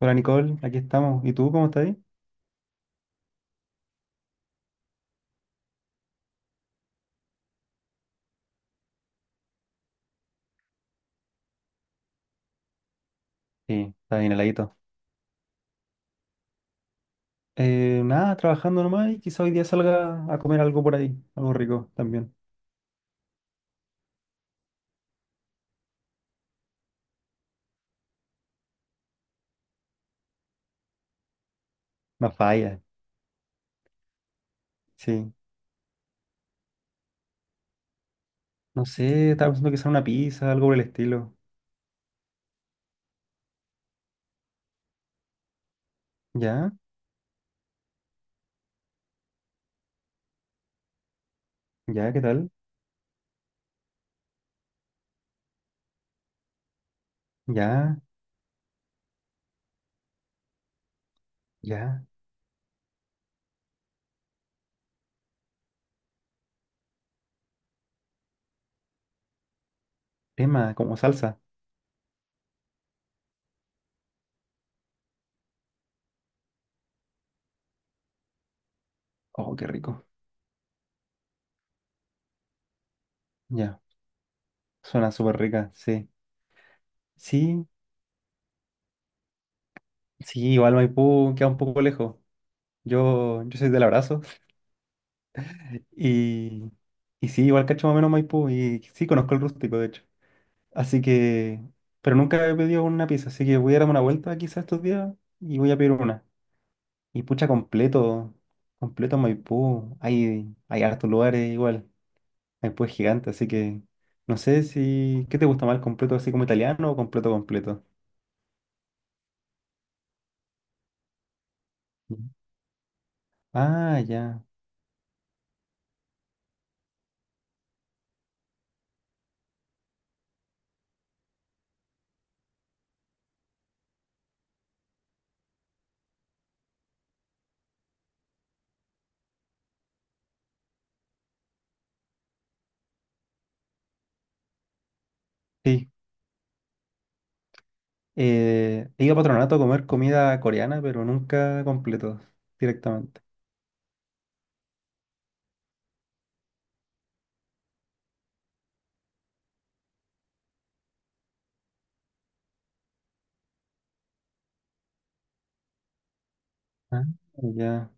Hola Nicole, aquí estamos. ¿Y tú cómo estás ahí? Sí, está bien heladito. Nada, trabajando nomás y quizá hoy día salga a comer algo por ahí, algo rico también. No falla, sí. No sé, estaba pensando quizá una pizza, algo por el estilo. ¿Ya? ¿Ya? ¿Qué tal? ¿Ya? ¿Ya? Tema, como salsa. Oh, qué rico. Ya, suena súper rica, sí. Sí, sí, igual Maipú queda un poco lejos. Yo soy del abrazo y, y sí, igual cacho más o menos Maipú y sí, conozco el rústico, de hecho. Así que, pero nunca he pedido una pizza, así que voy a darme una vuelta quizás estos días y voy a pedir una. Y pucha, completo, completo Maipú. Hay hartos lugares igual. Maipú es gigante, así que no sé si, ¿qué te gusta más, el completo así como italiano o completo completo? Mm. Ah, ya, sí. He ido a Patronato a comer comida coreana, pero nunca completo, directamente. Ah, ya.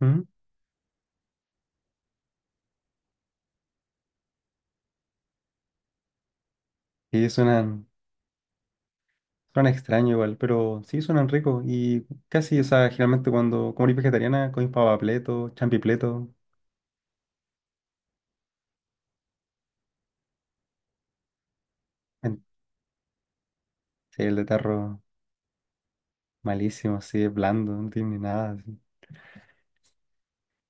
¿Mm? Y suenan, suena extraño igual, pero sí suenan ricos. Y casi, o sea, generalmente cuando como eres vegetariana, comes papapleto, champipleto. En- sí, el de tarro malísimo, así, es blando, no tiene ni nada. Así.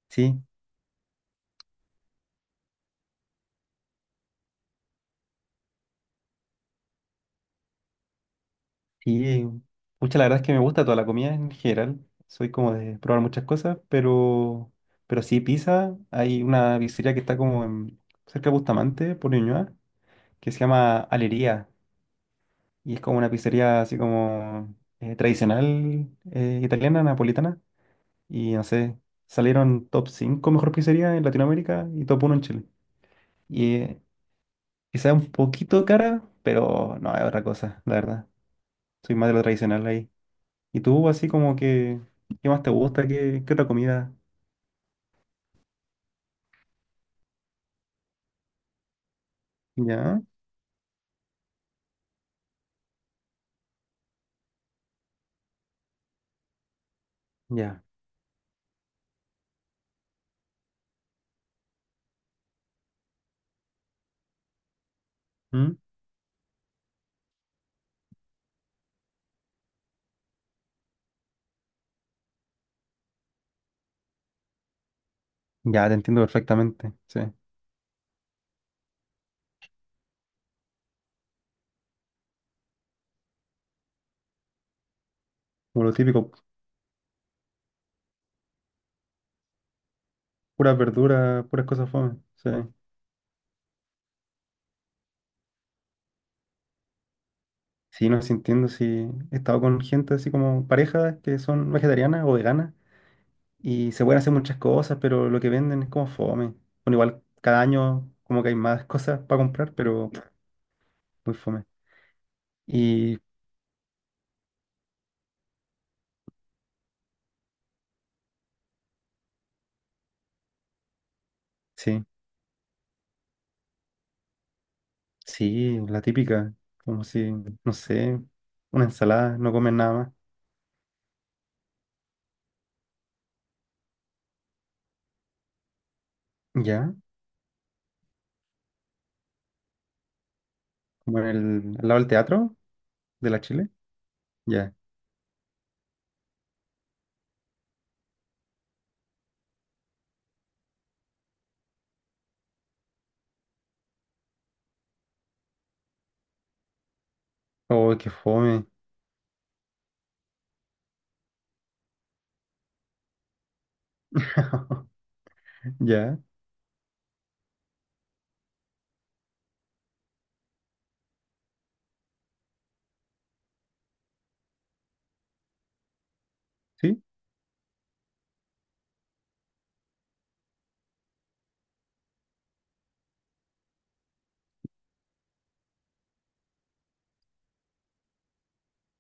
Sí, y pucha, la verdad es que me gusta toda la comida en general. Soy como de probar muchas cosas, pero sí, pizza. Hay una pizzería que está como en- cerca de Bustamante, por Ñuñoa, que se llama Alería. Y es como una pizzería así como tradicional italiana, napolitana. Y no sé, salieron top 5 mejor pizzería en Latinoamérica y top 1 en Chile. Y quizá un poquito cara, pero no, es otra cosa, la verdad. Soy más de lo tradicional ahí. ¿Y tú, así como que, qué más te gusta? ¿Qué, qué otra comida? Ya, ya. ¿Mm? Ya, te entiendo perfectamente. Sí. Como lo típico, puras verduras, puras cosas fome. Sí. Sí, no, sí entiendo. Sí, he estado con gente así como parejas que son vegetarianas o veganas, y se pueden hacer muchas cosas, pero lo que venden es como fome. Bueno, igual cada año como que hay más cosas para comprar, pero muy fome. Y sí, sí, la típica, como si, no sé, una ensalada, no comen nada más. ¿Ya? Como en el, al lado del teatro de la Chile. Ya. Oh, qué fome. Ya, sí,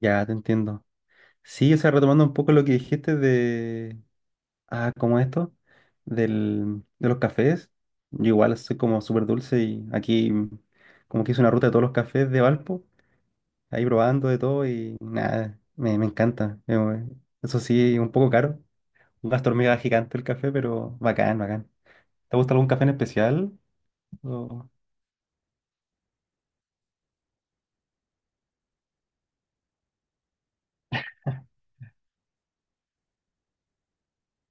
ya te entiendo. Sí, o sea, retomando un poco lo que dijiste de, ah, como esto, del, de los cafés. Yo igual soy como súper dulce y aquí mm, como que hice una ruta de todos los cafés de Valpo, ahí probando de todo y nada, me encanta. Bueno, eso sí, un poco caro, un gasto hormiga gigante el café, pero bacán, bacán. ¿Te gusta algún café en especial? O-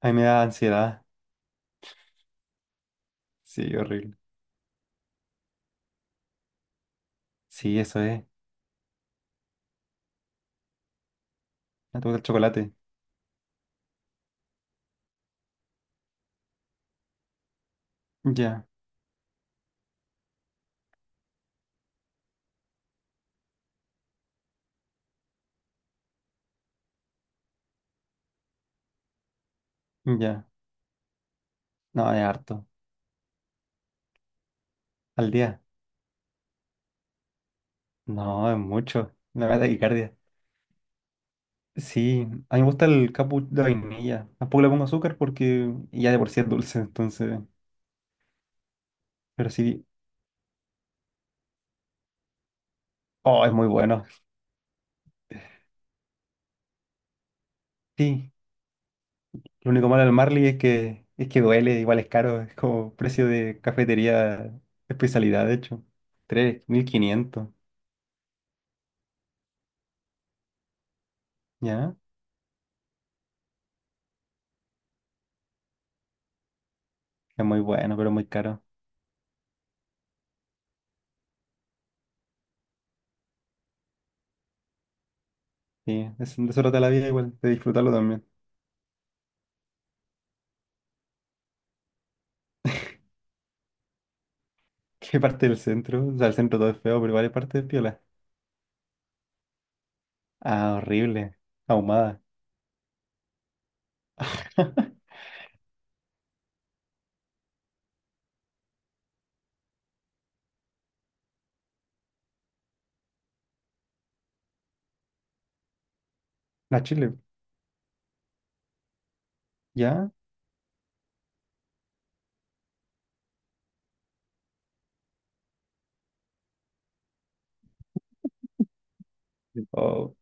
a mí me da ansiedad. Sí, horrible. Sí, eso es. Me gusta el chocolate. Ya, ya. No, es harto. Al día. No, es mucho. Me da taquicardia. Sí, a mí me gusta el cappuccino de vainilla. Tampoco le pongo azúcar porque ya de por sí es dulce, entonces. Pero sí, oh, es muy bueno. Sí, lo único malo del Marley es que duele, igual es caro, es como precio de cafetería especialidad, de hecho. 3.500, ¿ya? Es muy bueno, pero muy caro. Sí, es, de eso trata la vida igual, de disfrutarlo también. ¿Qué parte del centro? O sea, el centro todo es feo, pero igual hay parte de piola. Ah, horrible. Ahumada. La Chile, ¿ya? Oh.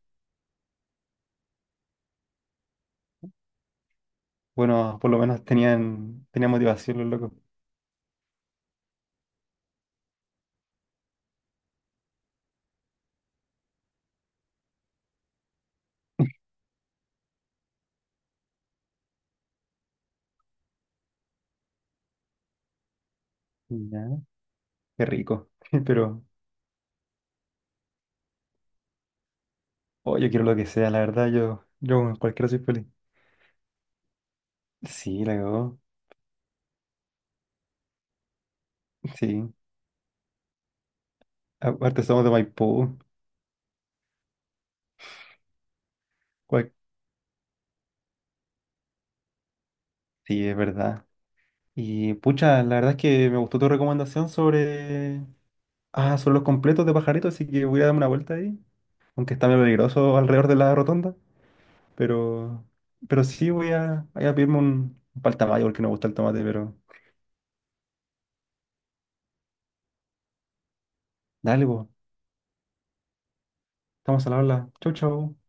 Bueno, por lo menos tenían, tenían motivación los locos. Ya. Qué rico. Pero, oh, yo quiero lo que sea, la verdad, yo con cualquiera soy feliz. Sí, la cagó. Sí. Aparte somos de Maipú. Cual- sí, es verdad. Y pucha, la verdad es que me gustó tu recomendación sobre. Ah, sobre los completos de pajaritos, así que voy a darme una vuelta ahí. Aunque está medio peligroso alrededor de la rotonda. Pero. Pero sí voy a, voy a pedirme un paltamayo porque no me gusta el tomate, pero. Dale, pues. Estamos al habla. Chau, chau.